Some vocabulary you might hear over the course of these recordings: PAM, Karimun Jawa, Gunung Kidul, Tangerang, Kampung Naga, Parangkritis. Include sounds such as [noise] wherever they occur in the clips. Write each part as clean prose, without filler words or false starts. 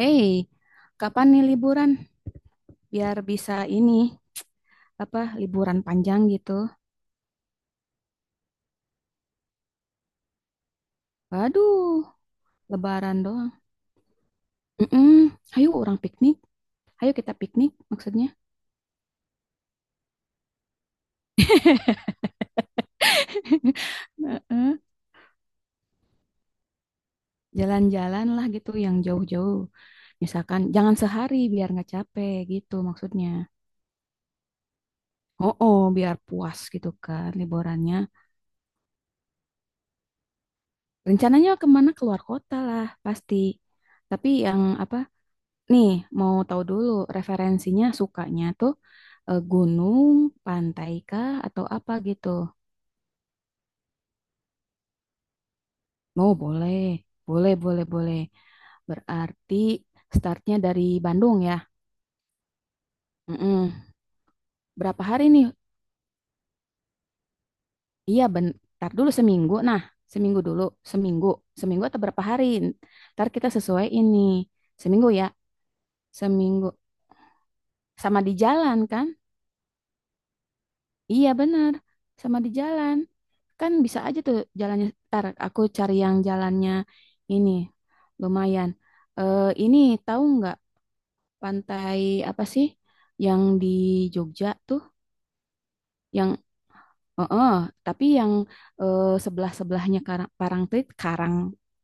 Hey, kapan nih liburan? Biar bisa ini, apa, liburan panjang gitu. Waduh, lebaran doang. Mm-mm. Ayo orang piknik. Ayo kita piknik maksudnya. [laughs] Heeh. Jalan-jalan lah gitu yang jauh-jauh. Misalkan jangan sehari biar nggak capek gitu maksudnya. Oh, oh, biar puas gitu kan liburannya. Rencananya kemana? Keluar kota lah pasti. Tapi yang apa nih, mau tahu dulu referensinya sukanya tuh, gunung, pantai kah, atau apa gitu? Oh, boleh. Boleh, boleh, boleh. Berarti startnya dari Bandung ya? Mm-mm. Berapa hari nih? Iya, bentar dulu seminggu. Nah, seminggu dulu. Seminggu. Seminggu atau berapa hari? Ntar kita sesuai ini. Seminggu ya? Seminggu. Sama di jalan kan? Iya benar, sama di jalan. Kan bisa aja tuh jalannya. Ntar aku cari yang jalannya ini lumayan. Eh ini tahu nggak pantai apa sih yang di Jogja tuh? Yang oh, eh, tapi yang sebelah-sebelahnya Karang Parangtritis, Karang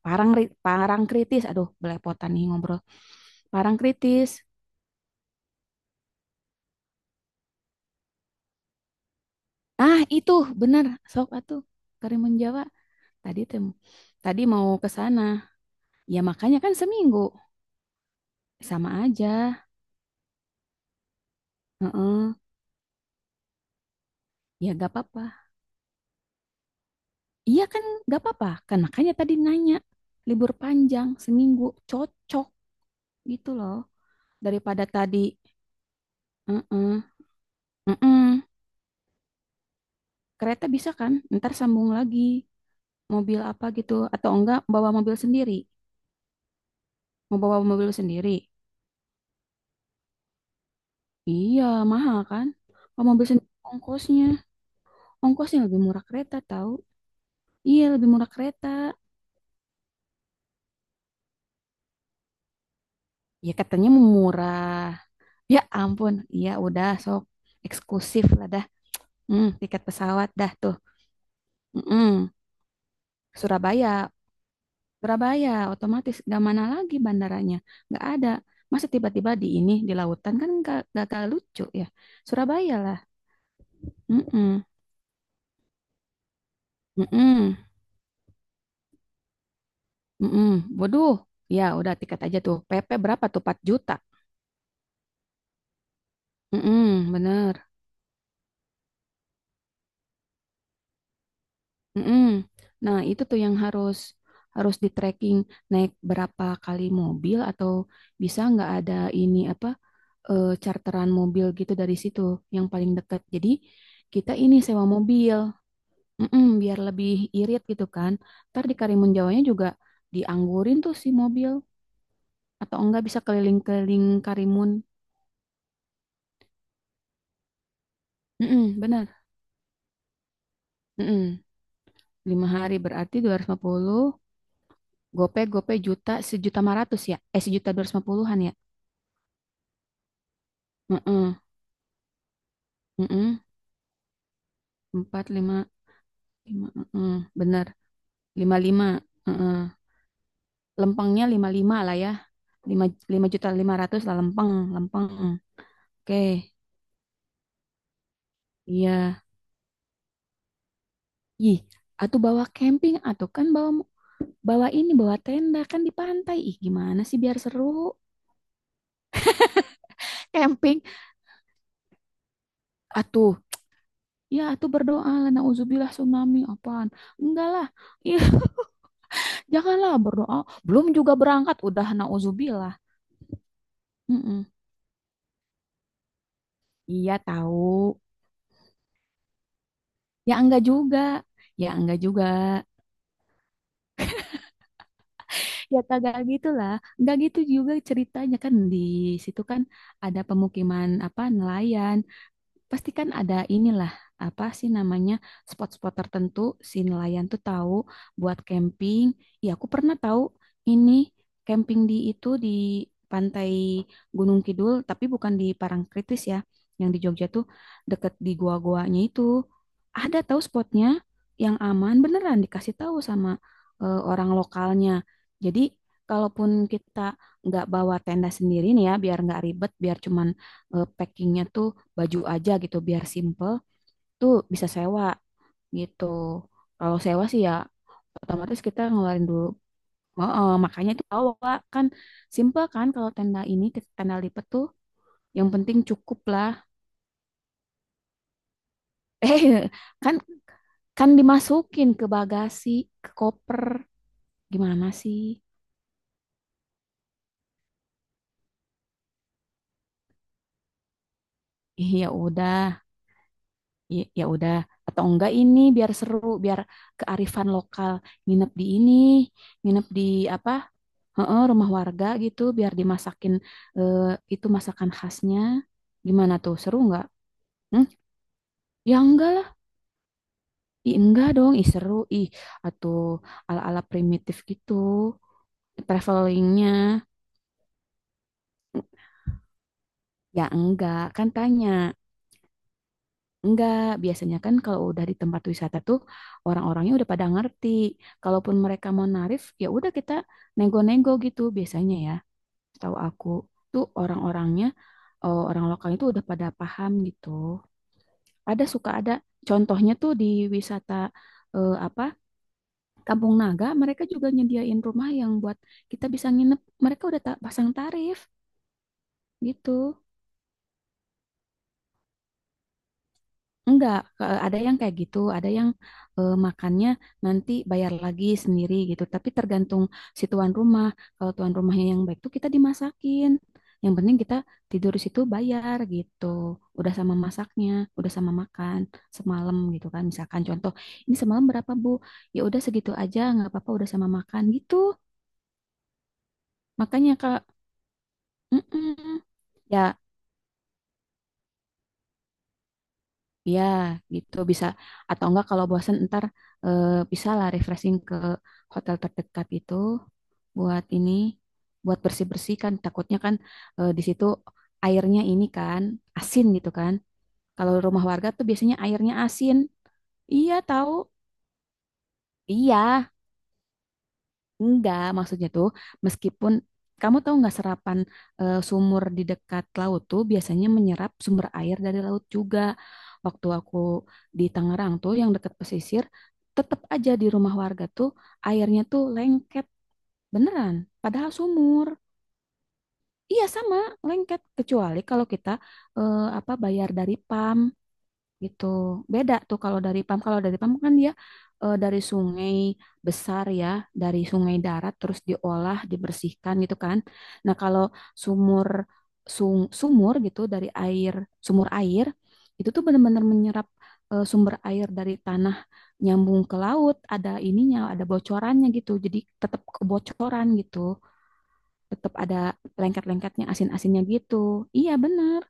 Parangkritis. Aduh, belepotan nih ngobrol. Parangkritis. Ah, itu benar. Sok atuh Karimun Jawa. Tadi tem tadi mau ke sana. Ya makanya kan seminggu sama aja. Heeh. Ya gak apa-apa. Iya kan gak apa-apa. Kan makanya tadi nanya libur panjang seminggu cocok gitu loh. Daripada tadi, heeh, heeh. Kereta bisa kan? Ntar sambung lagi mobil apa gitu atau enggak bawa mobil sendiri? Mau bawa mobil sendiri? Iya mahal kan? Bawa mobil sendiri ongkosnya, ongkosnya lebih murah kereta tahu? Iya lebih murah kereta. Ya katanya murah. Ya ampun, iya udah sok eksklusif lah dah. Hmm, tiket pesawat dah tuh. Mm-mm. Surabaya, Surabaya otomatis gak mana lagi bandaranya, nggak ada. Masa tiba-tiba di ini di lautan kan gak lucu ya. Surabaya lah. Mm-mm. Mm-mm. Mm-mm. Waduh, ya udah tiket aja tuh. PP berapa tuh? 4 juta. Mm-mm, bener. Mm-mm. Nah, itu tuh yang harus harus di tracking naik berapa kali mobil atau bisa nggak ada ini apa, charteran mobil gitu dari situ yang paling dekat. Jadi kita ini sewa mobil, mm-mm, biar lebih irit gitu kan. Ntar di Karimun Jawanya juga dianggurin tuh si mobil atau enggak bisa keliling-keliling Karimun. Mm-mm, benar. Mm-mm. 5 hari berarti 250. Gope gope juta 1,5 juta ya, sejuta dua ratus lima puluhan ya. Heeh. Mm-mm. Empat, lima, lima, mm-mm. Bener, lima, lima, mm-mm. Lempengnya lima, lima lah ya, lima, 5,5 juta lah lempeng, lempeng, oke. Iya, ih, atau bawa camping, atau kan bawa bawa ini, bawa tenda kan di pantai, ih, gimana sih biar seru. Camping. Atuh, ya atuh berdoa lah, nauzubillah tsunami, apaan, enggak lah, ih. [laughs] Janganlah berdoa, belum juga berangkat, udah nauzubillah. mm Iya tahu. Ya enggak juga. Ya enggak juga. Ya kagak gitu lah. Enggak gitu juga ceritanya kan di situ kan ada pemukiman apa nelayan. Pasti kan ada inilah apa sih namanya spot-spot tertentu si nelayan tuh tahu buat camping. Ya aku pernah tahu ini camping di itu di pantai Gunung Kidul tapi bukan di Parangkritis ya. Yang di Jogja tuh deket di gua-guanya itu. Ada tahu spotnya yang aman beneran dikasih tahu sama orang lokalnya. Jadi kalaupun kita nggak bawa tenda sendiri nih ya biar nggak ribet biar cuman packingnya tuh baju aja gitu biar simple tuh bisa sewa gitu. Kalau sewa sih ya otomatis kita ngeluarin dulu. Makanya itu bawa kan simple kan kalau tenda ini tenda lipat tuh yang penting cukup lah. [laughs] Eh kan kan dimasukin ke bagasi, ke koper. Gimana sih? Ih, ya udah, ya, ya udah. Atau enggak ini biar seru, biar kearifan lokal nginep di ini, nginep di apa? Heeh, rumah warga gitu biar dimasakin eh, itu masakan khasnya. Gimana tuh? Seru nggak? Hmm? Ya enggak lah. Ih, enggak dong. Ih, seru. Ih, atau ala-ala primitif gitu. Travelingnya. Ya enggak. Kan tanya. Enggak. Biasanya kan kalau udah di tempat wisata tuh orang-orangnya udah pada ngerti. Kalaupun mereka mau narif, ya udah kita nego-nego gitu biasanya ya. Tahu aku tuh orang-orangnya, orang lokal itu udah pada paham gitu. Ada suka ada contohnya tuh di wisata apa Kampung Naga mereka juga nyediain rumah yang buat kita bisa nginep. Mereka udah pasang tarif gitu. Enggak, ada yang kayak gitu, ada yang makannya nanti bayar lagi sendiri gitu. Tapi tergantung si tuan rumah. Kalau tuan rumahnya yang baik tuh kita dimasakin. Yang penting kita tidur di situ bayar gitu. Udah sama masaknya, udah sama makan semalam gitu kan. Misalkan contoh, ini semalam berapa Bu? Ya udah segitu aja, nggak apa-apa udah sama makan gitu. Makanya Kak, mm-mm. Ya iya, gitu bisa. Atau enggak kalau bosan ntar eh, bisa lah refreshing ke hotel terdekat itu buat ini, buat bersih-bersih kan. Takutnya kan, di situ airnya ini kan asin gitu kan. Kalau rumah warga tuh biasanya airnya asin. Iya tahu. Iya, enggak, maksudnya tuh meskipun kamu tahu nggak serapan, sumur di dekat laut tuh biasanya menyerap sumber air dari laut juga. Waktu aku di Tangerang tuh yang dekat pesisir, tetap aja di rumah warga tuh airnya tuh lengket beneran, padahal sumur. Iya sama, lengket kecuali kalau kita, apa bayar dari PAM gitu. Beda tuh kalau dari PAM. Kalau dari PAM kan dia, dari sungai besar ya, dari sungai darat terus diolah, dibersihkan gitu kan. Nah, kalau sumur sumur gitu dari air, sumur air itu tuh benar-benar menyerap, sumber air dari tanah nyambung ke laut, ada ininya, ada bocorannya gitu. Jadi tetap kebocoran gitu. Tetap ada lengket-lengketnya, asin-asinnya gitu. Iya, benar.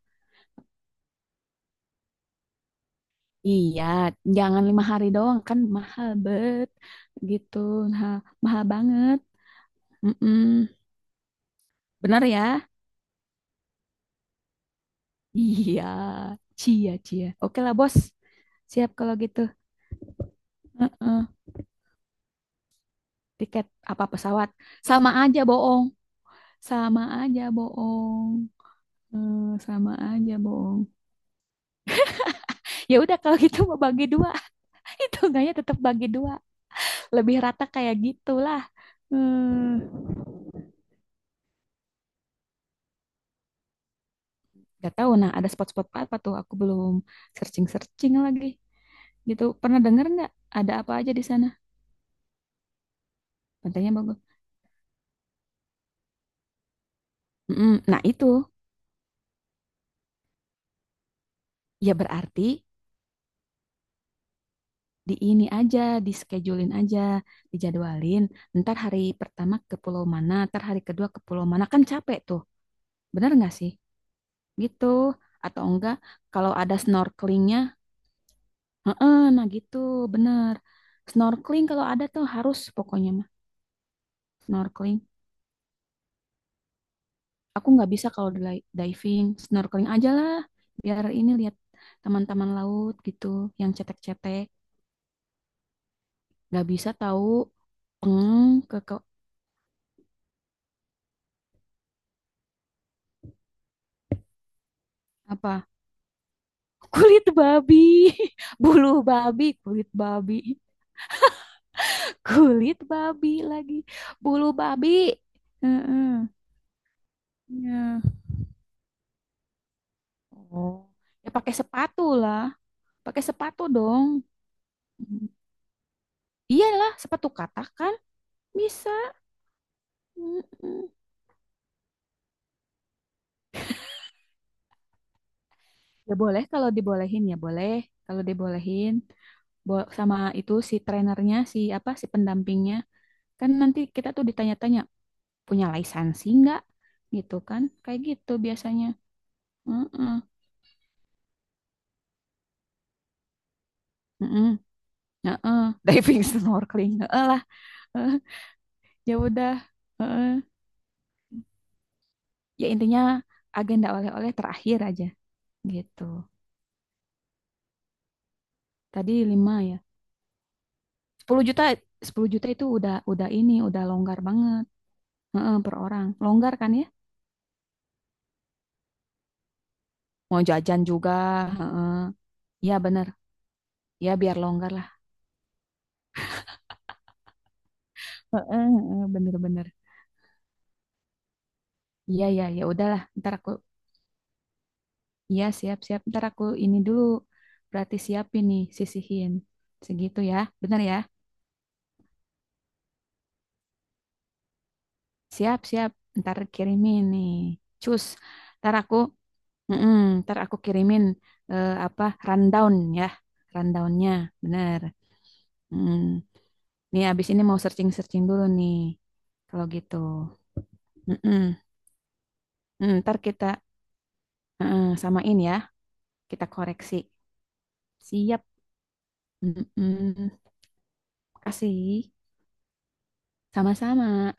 Iya, jangan 5 hari doang kan mahal bet gitu, nah, mahal banget. Mm-mm. Benar ya? Iya, cia cia. Oke lah bos, siap kalau gitu. Eh, tiket apa pesawat? Sama aja bohong, sama aja bohong. Eh, sama aja bohong. Ya udah kalau gitu mau bagi dua, [laughs] itu enggaknya tetap bagi dua, lebih rata kayak gitulah. Hmm. Gak tahu. Nah, ada spot-spot apa tuh? Aku belum searching-searching lagi. Gitu. Pernah dengar nggak? Ada apa aja di sana? Pantainya bagus. Mm-mm. Nah, itu. Ya berarti di ini aja, di schedulein aja, dijadwalin. Ntar hari pertama ke pulau mana, ntar hari kedua ke pulau mana. Kan capek tuh. Bener nggak sih? Gitu. Atau enggak, kalau ada snorkelingnya, heeh, nah gitu, bener. Snorkeling kalau ada tuh harus pokoknya mah. Snorkeling Aku nggak bisa kalau diving, snorkeling aja lah. Biar ini lihat teman-teman laut gitu, yang cetek-cetek. Nggak bisa tahu ke, apa kulit babi, [laughs] bulu babi, kulit babi, [laughs] kulit babi lagi, bulu babi. Heeh. Ya. Oh, ya pakai sepatu lah, pakai sepatu dong. Mm. Iyalah, sepatu katakan bisa. Mm-mm. Ya boleh kalau dibolehin ya boleh. Kalau dibolehin sama itu si trenernya si apa si pendampingnya kan nanti kita tuh ditanya-tanya punya lisensi nggak gitu kan kayak gitu biasanya. Heeh. Heeh. Heeh. [laughs] Diving snorkeling. Heeh lah. Heeh. Ya udah. Heeh. Ya intinya agenda oleh-oleh terakhir aja gitu. Tadi lima ya. 10 juta 10 juta itu udah ini udah longgar banget. Heeh, per orang. Longgar kan ya? Mau jajan juga. Heeh. Iya bener. Ya biar longgar lah. Heeh, heeh, bener-bener. Iya ya ya udahlah. Ntar aku iya siap-siap. Ntar aku ini dulu. Berarti siapin nih sisihin segitu ya. Bener ya. Siap-siap. Ntar kirimin nih. Cus. Ntar aku Heeh, ntar aku kirimin, apa rundown ya. Rundownnya bener. Heeh. Nih abis ini mau searching-searching dulu nih. Kalau gitu. Heeh. Ntar kita Heeh, samain ya, kita koreksi. Siap. Mm-mm. Kasih. Sama-sama.